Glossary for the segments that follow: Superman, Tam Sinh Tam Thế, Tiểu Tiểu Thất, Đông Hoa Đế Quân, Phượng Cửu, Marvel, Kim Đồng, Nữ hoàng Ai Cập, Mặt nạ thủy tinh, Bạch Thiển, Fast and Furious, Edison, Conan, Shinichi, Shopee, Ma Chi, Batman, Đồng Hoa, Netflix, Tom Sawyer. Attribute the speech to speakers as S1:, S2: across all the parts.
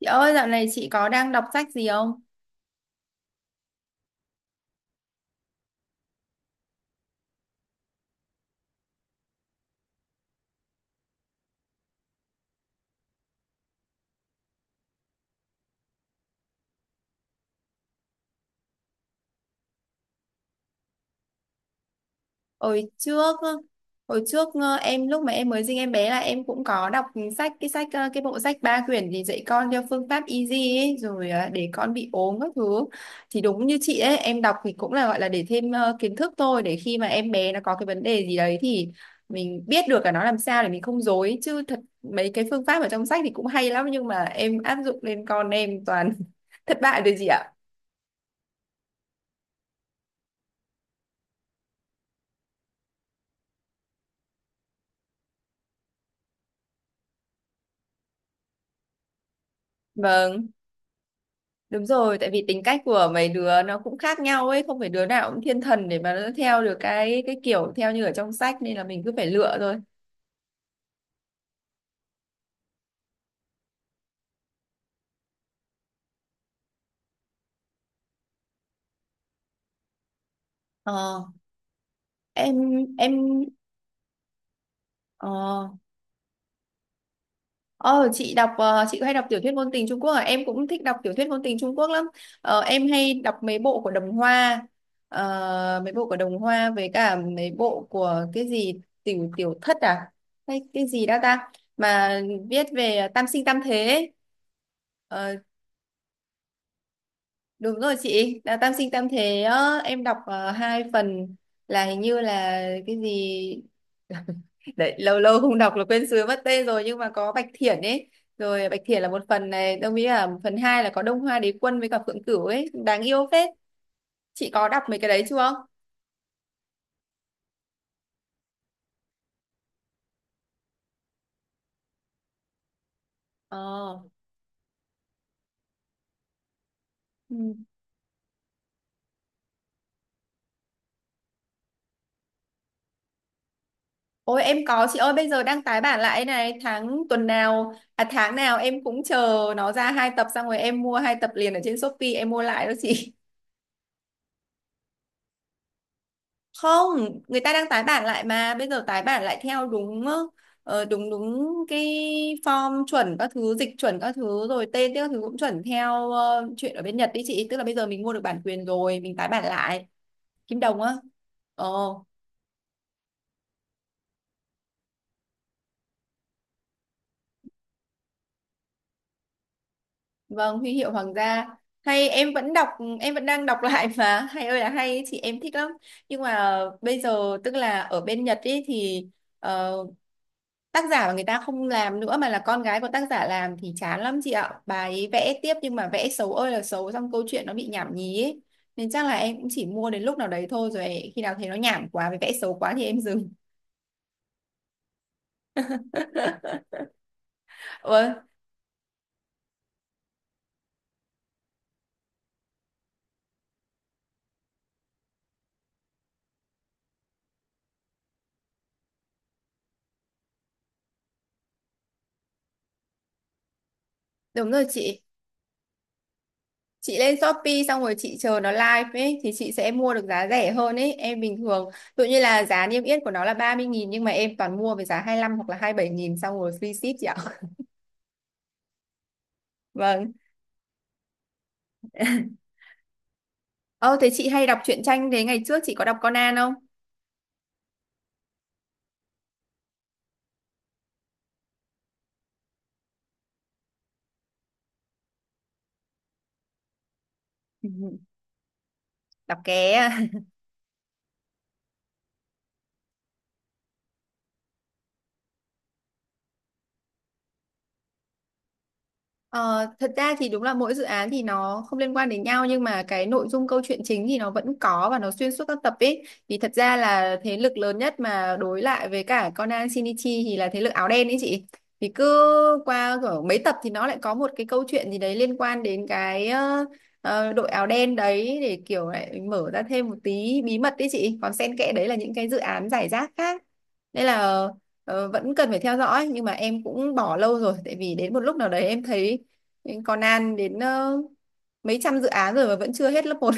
S1: Chị ơi, dạo này chị có đang đọc sách gì không? Hồi trước, hồi trước, em lúc mà em mới sinh em bé là em cũng có đọc sách cái sách ờ, cái bộ sách ba quyển gì dạy con theo phương pháp easy ấy, rồi để con bị ốm các thứ. Thì đúng như chị ấy, em đọc thì cũng là gọi là để thêm kiến thức thôi, để khi mà em bé nó có cái vấn đề gì đấy thì mình biết được là nó làm sao để mình không dối, chứ thật mấy cái phương pháp ở trong sách thì cũng hay lắm nhưng mà em áp dụng lên con em toàn thất bại rồi chị ạ. Vâng. Đúng rồi, tại vì tính cách của mấy đứa nó cũng khác nhau ấy, không phải đứa nào cũng thiên thần để mà nó theo được cái kiểu theo như ở trong sách, nên là mình cứ phải lựa thôi. Ờ, em em ờ ờ, chị đọc chị hay đọc tiểu thuyết ngôn tình Trung Quốc à? Em cũng thích đọc tiểu thuyết ngôn tình Trung Quốc lắm. Ờ, em hay đọc mấy bộ của Đồng Hoa. Ờ, mấy bộ của Đồng Hoa với cả mấy bộ của cái gì Tiểu Tiểu Thất à? Hay cái gì đó ta mà viết về tam sinh tam thế ấy. Ờ, Đúng rồi chị, là Tam Sinh Tam Thế á, em đọc hai phần, là hình như là cái gì đấy lâu lâu không đọc là quên sứ mất tên rồi, nhưng mà có Bạch Thiển ấy, rồi Bạch Thiển là một phần này, đồng ý là phần hai là có Đông Hoa Đế Quân với cả Phượng Cửu ấy, đáng yêu phết. Chị có đọc mấy cái đấy chưa? ờ ừ. Ôi em có chị ơi, bây giờ đang tái bản lại này, tháng nào em cũng chờ nó ra hai tập, xong rồi em mua hai tập liền ở trên Shopee, em mua lại đó chị. Không, người ta đang tái bản lại mà, bây giờ tái bản lại theo đúng ờ, ờ, đúng đúng cái form chuẩn các thứ, dịch chuẩn các thứ, rồi tên các thứ cũng chuẩn theo chuyện ở bên Nhật đi chị, tức là bây giờ mình mua được bản quyền rồi mình tái bản lại. Kim Đồng á. ờ vâng, huy hiệu hoàng gia, hay em vẫn đọc em vẫn đang đọc lại, mà hay ơi là hay chị, em thích lắm. Nhưng mà bây giờ tức là ở bên Nhật ý thì ờ, tác giả mà người ta không làm nữa, mà là con gái của tác giả làm thì chán lắm chị ạ. Bà ấy vẽ tiếp nhưng mà vẽ xấu ơi là xấu, xong câu chuyện nó bị nhảm nhí ấy. Nên chắc là em cũng chỉ mua đến lúc nào đấy thôi, rồi khi nào thấy nó nhảm quá với vẽ xấu quá thì em dừng. Ừ, đúng rồi chị. Chị lên Shopee xong rồi chị chờ nó live ấy thì chị sẽ mua được giá rẻ hơn ấy. Em bình thường tự như là giá niêm yết của nó là 30.000 nhưng mà em toàn mua với giá 25 hoặc là 27.000, xong rồi free ship chị ạ. Vâng. Ờ thế chị hay đọc truyện tranh, thế ngày trước chị có đọc Conan không? Đọc cái. Ờ, thật ra thì đúng là mỗi dự án thì nó không liên quan đến nhau, nhưng mà cái nội dung câu chuyện chính thì nó vẫn có và nó xuyên suốt các tập ấy. Thì thật ra là thế lực lớn nhất mà đối lại với cả Conan Shinichi thì là thế lực áo đen ấy chị. Thì cứ qua kiểu mấy tập thì nó lại có một cái câu chuyện gì đấy liên quan đến cái đội áo đen đấy để kiểu lại mở ra thêm một tí bí mật đấy chị. Còn xen kẽ đấy là những cái dự án giải rác khác. Nên là ờ, vẫn cần phải theo dõi nhưng mà em cũng bỏ lâu rồi, tại vì đến một lúc nào đấy em thấy mình còn An đến mấy trăm dự án rồi mà vẫn chưa hết lớp một.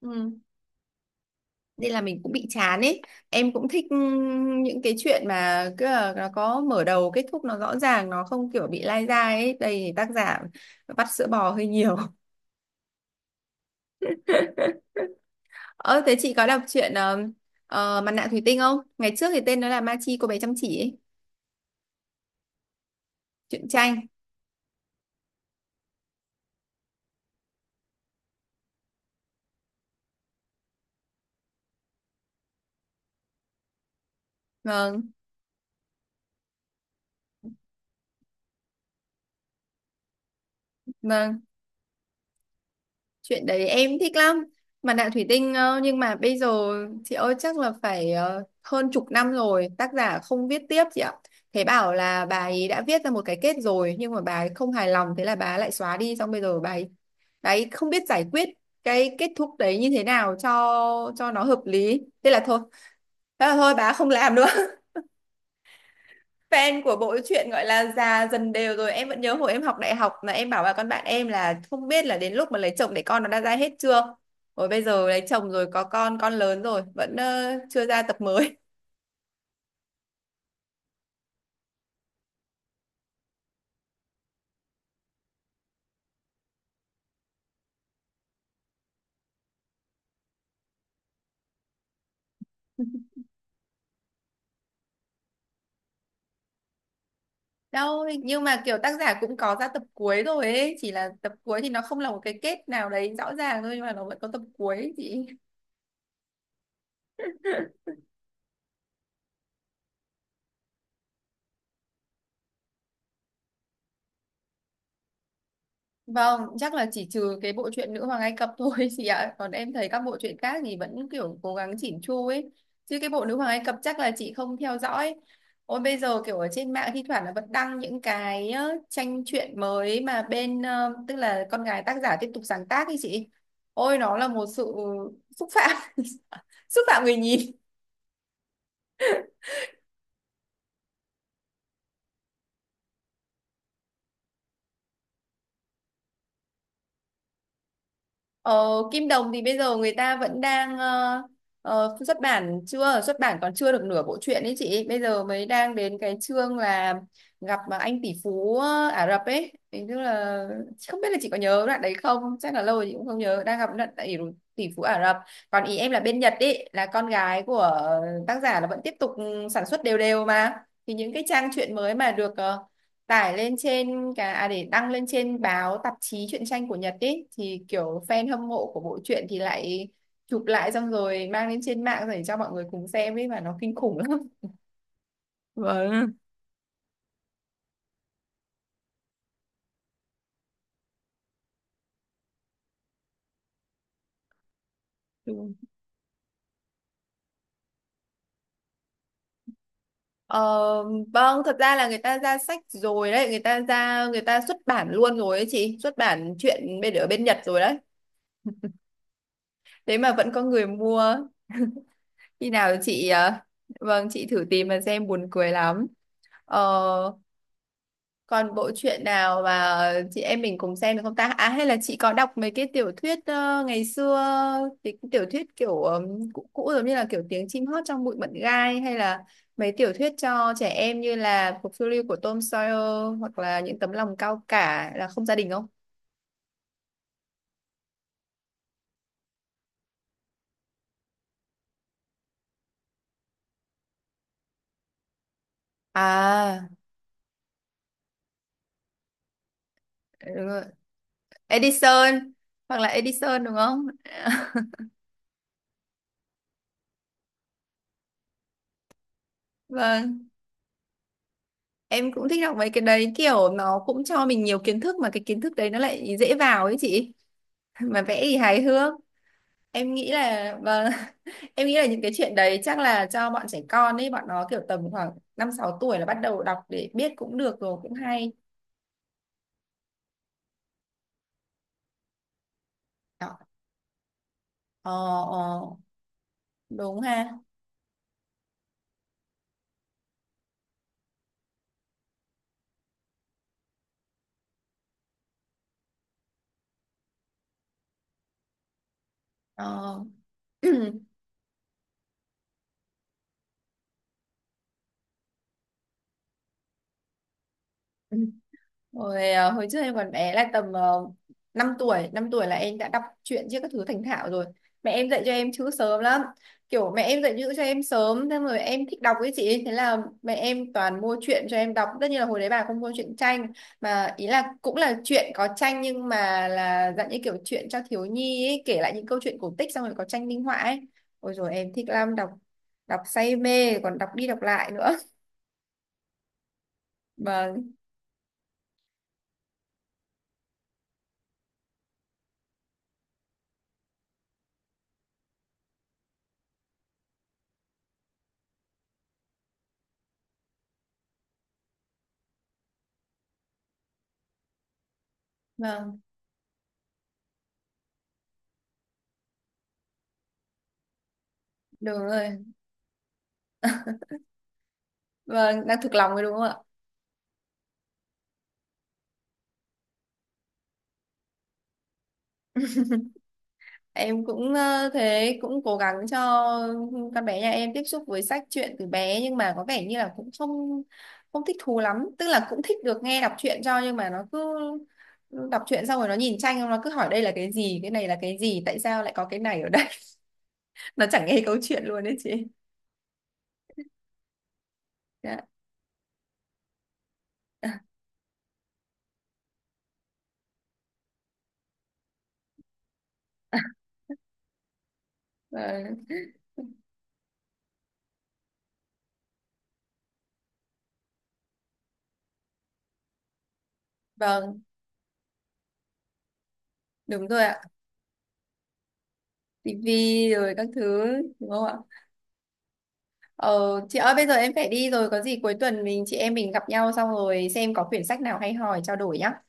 S1: Ừ. Nên là mình cũng bị chán ấy, em cũng thích những cái chuyện mà cứ là nó có mở đầu kết thúc nó rõ ràng, nó không kiểu bị lai dai ấy, đây thì tác giả vắt sữa bò hơi nhiều. Ơ thế chị có đọc chuyện Mặt nạ thủy tinh không, ngày trước thì tên nó là Ma Chi cô bé chăm chỉ ấy, truyện tranh. Vâng. Vâng, chuyện đấy em thích lắm. Mặt nạ thủy tinh nhưng mà bây giờ chị ơi, chắc là phải hơn chục năm rồi tác giả không viết tiếp chị ạ. Thế bảo là bà ấy đã viết ra một cái kết rồi nhưng mà bà ấy không hài lòng, thế là bà ấy lại xóa đi, xong bây giờ bà ấy không biết giải quyết cái kết thúc đấy như thế nào cho nó hợp lý. Thế là thôi. Thế là thôi, bà ấy không làm nữa. Fan của bộ truyện gọi là già dần đều rồi. Em vẫn nhớ hồi em học đại học là em bảo là con bạn em là không biết là đến lúc mà lấy chồng để con nó đã ra hết chưa, rồi bây giờ lấy chồng rồi có con lớn rồi vẫn chưa ra tập mới. Đâu nhưng mà kiểu tác giả cũng có ra tập cuối rồi ấy, chỉ là tập cuối thì nó không là một cái kết nào đấy rõ ràng thôi, nhưng mà nó vẫn có tập cuối ấy chị. Vâng, chắc là chỉ trừ cái bộ truyện Nữ hoàng Ai Cập thôi chị ạ. Còn em thấy các bộ truyện khác thì vẫn kiểu cố gắng chỉn chu ấy. Chứ cái bộ Nữ hoàng Ai Cập chắc là chị không theo dõi. Ôi bây giờ kiểu ở trên mạng thi thoảng là vẫn đăng những cái tranh truyện mới mà bên tức là con gái tác giả tiếp tục sáng tác ấy chị. Ôi nó là một sự xúc phạm. Xúc phạm người nhìn. Ờ, Kim Đồng thì bây giờ người ta vẫn đang xuất bản, chưa xuất bản còn chưa được nửa bộ truyện ấy chị, bây giờ mới đang đến cái chương là gặp mà anh tỷ phú Ả Rập ấy. Thế tức là chị không biết là chị có nhớ đoạn đấy không, chắc là lâu rồi chị cũng không nhớ, đang gặp đoạn tỷ phú Ả Rập. Còn ý em là bên Nhật ấy là con gái của tác giả là vẫn tiếp tục sản xuất đều đều mà, thì những cái trang truyện mới mà được tải lên trên cả à, để đăng lên trên báo tạp chí truyện tranh của Nhật ý, thì kiểu fan hâm mộ của bộ truyện thì lại chụp lại xong rồi mang lên trên mạng để cho mọi người cùng xem ấy, mà nó kinh khủng lắm. Vâng. Ừ. Ờ, vâng, thật ra là người ta ra sách rồi đấy, người ta ra, người ta xuất bản luôn rồi ấy chị, xuất bản truyện bên ở bên Nhật rồi đấy, thế mà vẫn có người mua. Khi nào chị à, vâng chị thử tìm mà xem buồn cười lắm. Ờ, còn bộ truyện nào mà chị em mình cùng xem được không ta? À hay là chị có đọc mấy cái tiểu thuyết ngày xưa, cái tiểu thuyết kiểu cũ cũ, giống như là kiểu Tiếng chim hót trong bụi mận gai, hay là mấy tiểu thuyết cho trẻ em như là Cuộc phiêu lưu của Tom Sawyer, hoặc là Những tấm lòng cao cả, Là không gia đình không? À đúng rồi. Edison, hoặc là Edison đúng không? Vâng, em cũng thích đọc mấy cái đấy, kiểu nó cũng cho mình nhiều kiến thức mà cái kiến thức đấy nó lại dễ vào ấy chị. Mà vẽ thì hài hước. Em nghĩ là vâng, em nghĩ là những cái chuyện đấy chắc là cho bọn trẻ con ấy, bọn nó kiểu tầm khoảng năm sáu tuổi là bắt đầu đọc để biết cũng được, rồi cũng hay. ờ ờ ờ, Đúng ha. Ờ Hồi, à, hồi trước em còn bé là tầm 5 tuổi năm tuổi là em đã đọc truyện chứ các thứ thành thạo rồi, mẹ em dạy cho em chữ sớm lắm. Kiểu mẹ em dạy chữ cho em sớm thế rồi em thích đọc ấy chị, thế là mẹ em toàn mua truyện cho em đọc, tất nhiên là hồi đấy bà không mua truyện tranh, mà ý là cũng là truyện có tranh nhưng mà là dạng như kiểu truyện cho thiếu nhi ấy, kể lại những câu chuyện cổ tích xong rồi có tranh minh họa ấy. Ôi rồi em thích lắm, đọc đọc say mê, còn đọc đi đọc lại nữa. Vâng. Vâng, đúng rồi, vâng, đang thực lòng rồi đúng không ạ? Em cũng thế cũng cố gắng cho con bé nhà em tiếp xúc với sách truyện từ bé, nhưng mà có vẻ như là cũng không không thích thú lắm, tức là cũng thích được nghe đọc truyện cho, nhưng mà nó cứ đọc truyện xong rồi nó nhìn tranh, nó cứ hỏi đây là cái gì, cái này là cái gì, tại sao lại có cái này ở đây. Nó chẳng nghe câu chuyện luôn đấy chị. Dạ. Ờ, vâng, đúng rồi ạ. Tivi rồi các thứ đúng không ạ? Ờ, chị ơi bây giờ em phải đi rồi, có gì cuối tuần mình chị em mình gặp nhau xong rồi xem có quyển sách nào hay hỏi trao đổi nhá.